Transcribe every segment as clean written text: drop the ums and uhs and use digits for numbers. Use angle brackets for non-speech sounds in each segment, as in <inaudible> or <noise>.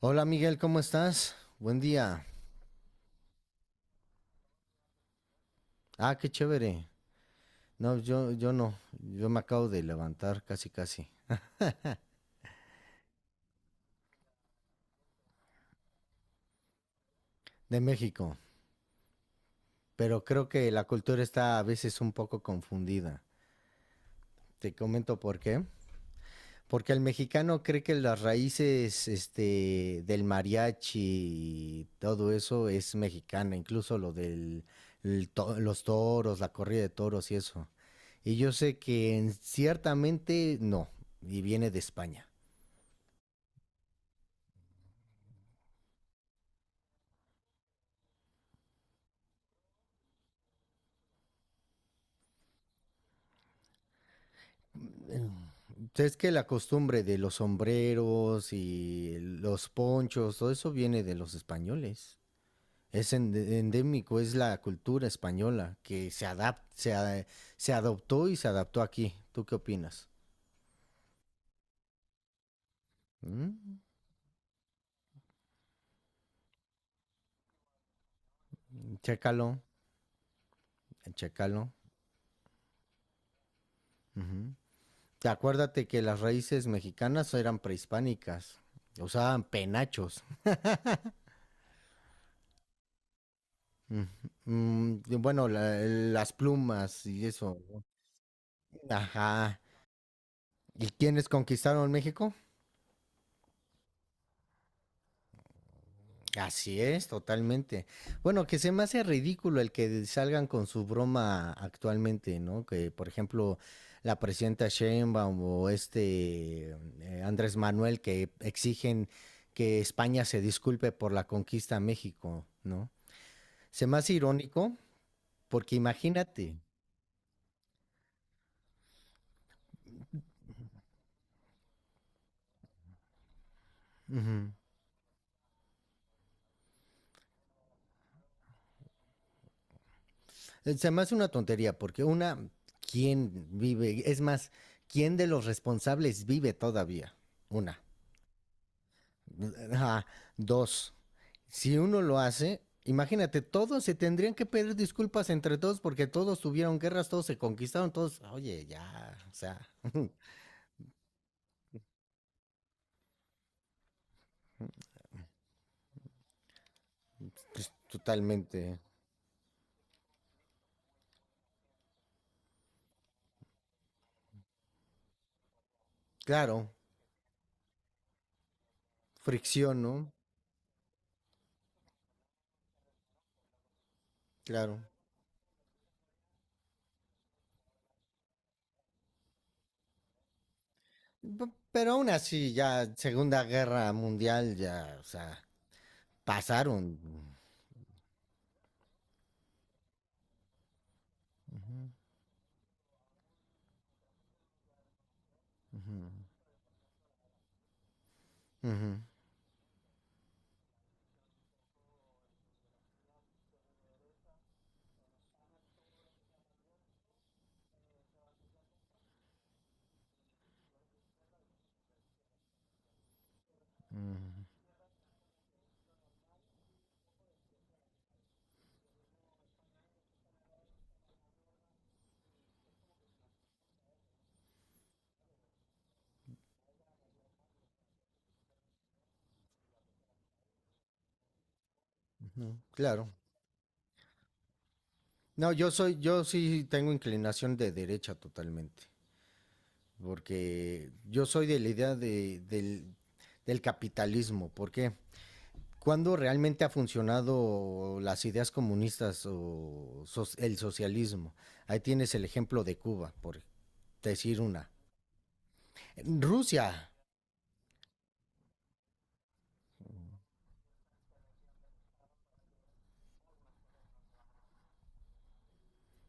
Hola Miguel, ¿cómo estás? Buen día. Ah, qué chévere. No, yo no. Yo me acabo de levantar casi casi de México, pero creo que la cultura está a veces un poco confundida. Te comento por qué. Porque el mexicano cree que las raíces del mariachi y todo eso es mexicana, incluso lo del el to- los toros, la corrida de toros y eso. Y yo sé que ciertamente no, y viene de España. Es que la costumbre de los sombreros y los ponchos, todo eso viene de los españoles. Es endémico, es la cultura española que se adoptó y se adaptó aquí. ¿Tú qué opinas? Mm, Chécalo, chécalo. Ujú. Te Acuérdate que las raíces mexicanas eran prehispánicas, usaban penachos. Mm, y bueno, las plumas y eso, ¿no? Ajá. ¿Y quiénes conquistaron México? Así es, totalmente. Bueno, que se me hace ridículo el que salgan con su broma actualmente, ¿no? Que, por ejemplo, la presidenta Sheinbaum o Andrés Manuel, que exigen que España se disculpe por la conquista a México, ¿no? Se me hace irónico porque imagínate, ujú, se me hace una tontería porque una, ¿quién vive? Es más, ¿quién de los responsables vive todavía? Una. Ajá, dos. Si uno lo hace, imagínate, todos se tendrían que pedir disculpas entre todos porque todos tuvieron guerras, todos se conquistaron, todos, oye, ya, o sea, <laughs> pues, totalmente. Claro, fricción, ¿no? Claro. Pero aún así, ya, Segunda Guerra Mundial, ya, o sea, pasaron. Ujú, ujú, ujú, claro. No, yo sí tengo inclinación de derecha totalmente, porque yo soy de la idea del capitalismo. ¿Por qué? ¿Cuándo realmente ha funcionado las ideas comunistas el socialismo? Ahí tienes el ejemplo de Cuba, por decir una. Rusia.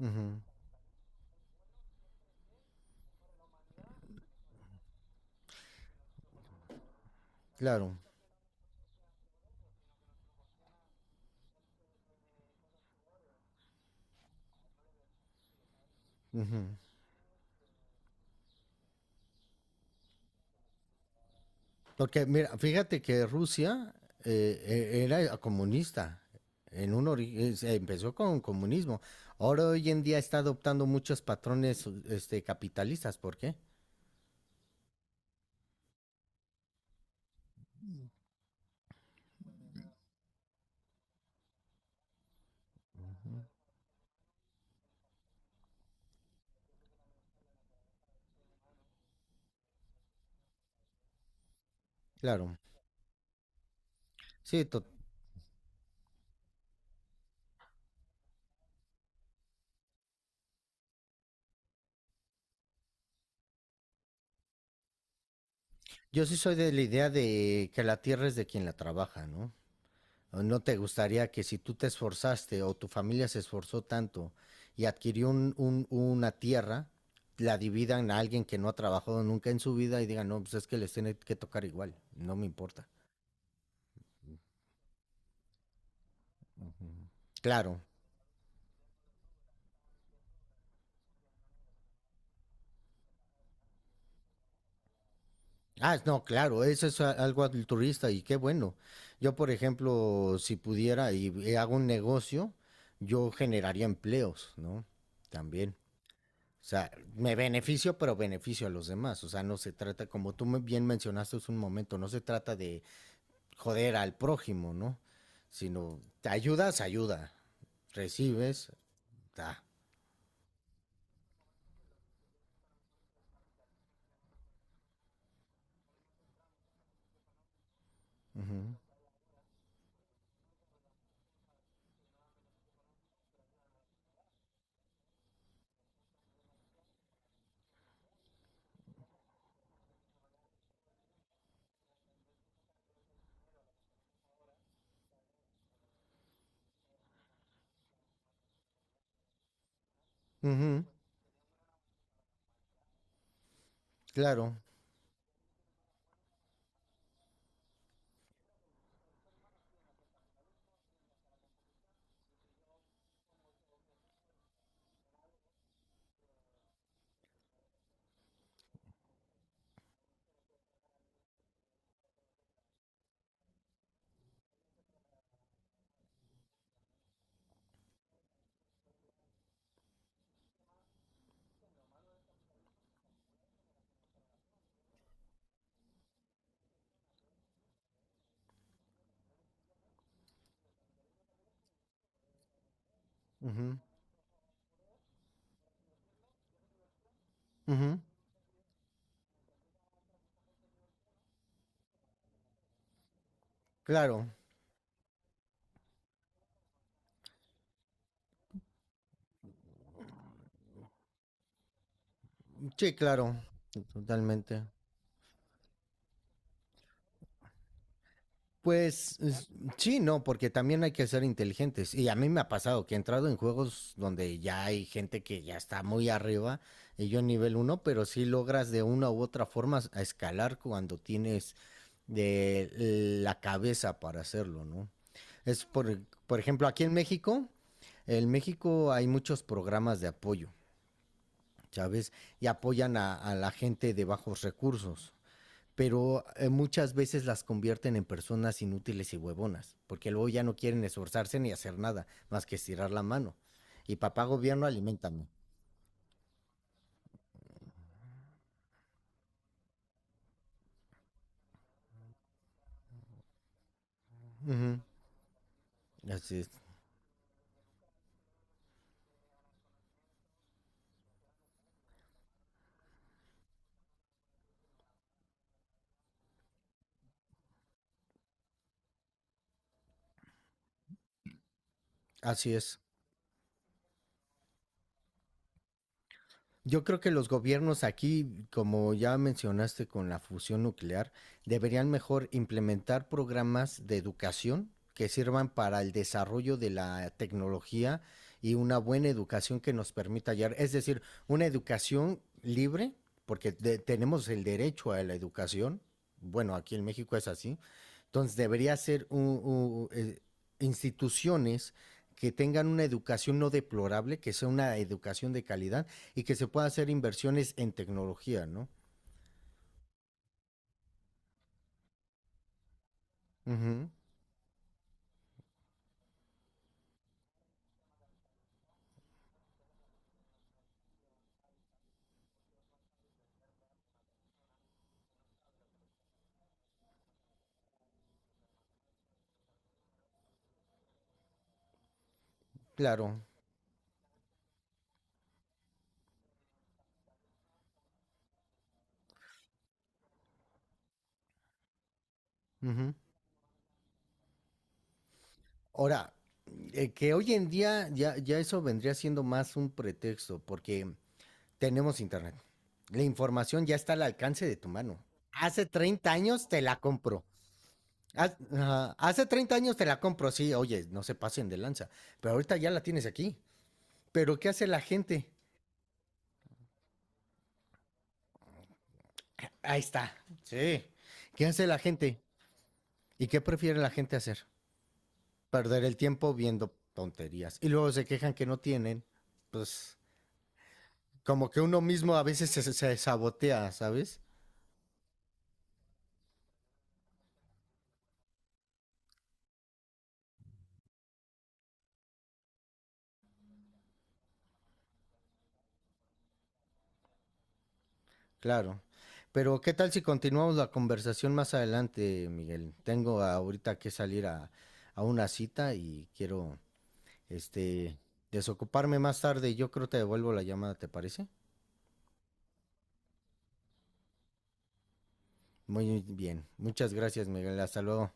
Ujú, claro. Ujú. Porque mira, fíjate que Rusia era comunista. En un ori- es- Empezó con comunismo. Ahora hoy en día está adoptando muchos patrones capitalistas. ¿Por qué? Claro. Sí, to- yo sí soy de la idea de que la tierra es de quien la trabaja, ¿no? ¿No te gustaría que si tú te esforzaste o tu familia se esforzó tanto y adquirió una tierra, la dividan a alguien que no ha trabajado nunca en su vida y digan, no, pues es que les tiene que tocar igual, no me importa. Claro. Ah, no, claro, eso es algo altruista y qué bueno. Yo, por ejemplo, si pudiera y hago un negocio, yo generaría empleos, ¿no? También. O sea, me beneficio, pero beneficio a los demás. O sea, no se trata, como bien mencionaste hace un momento, no se trata de joder al prójimo, ¿no? Sino, te ayudas, ayuda. Recibes, da. Uh -huh. Uh -huh. Claro. Uh -huh. Claro. Sí, claro. Totalmente. Pues sí, no, porque también hay que ser inteligentes. Y a mí me ha pasado que he entrado en juegos donde ya hay gente que ya está muy arriba y yo nivel uno, pero sí logras de una u otra forma a escalar cuando tienes de la cabeza para hacerlo, ¿no? Es por ejemplo, aquí en México hay muchos programas de apoyo, ¿sabes? Y apoyan a la gente de bajos recursos, pero muchas veces las convierten en personas inútiles y huevonas, porque luego ya no quieren esforzarse ni hacer nada más que estirar la mano. Y papá gobierno, alimentame. Así es. Así es. Yo creo que los gobiernos aquí, como ya mencionaste con la fusión nuclear, deberían mejor implementar programas de educación que sirvan para el desarrollo de la tecnología y una buena educación que nos permita hallar, es decir, una educación libre, porque tenemos el derecho a la educación, bueno, aquí en México es así, entonces debería ser instituciones que tengan una educación no deplorable, que sea una educación de calidad y que se pueda hacer inversiones en tecnología, ¿no? Uh -huh, claro. Uh -huh. Ahora, que hoy en día ya eso vendría siendo más un pretexto, porque tenemos internet. La información ya está al alcance de tu mano. Hace 30 años te la compro. Hace 30 años te la compro, sí, oye, no se pasen de lanza, pero ahorita ya la tienes aquí. Pero ¿qué hace la gente? Ahí está. Sí. ¿Qué hace la gente? ¿Y qué prefiere la gente hacer? Perder el tiempo viendo tonterías. Y luego se quejan que no tienen, pues como que uno mismo a veces se sabotea, ¿sabes? Claro. Pero ¿qué tal si continuamos la conversación más adelante, Miguel? Tengo ahorita que salir a una cita y quiero este desocuparme más tarde. Yo creo que te devuelvo la llamada, ¿te parece? Muy bien. Muchas gracias, Miguel. Hasta luego.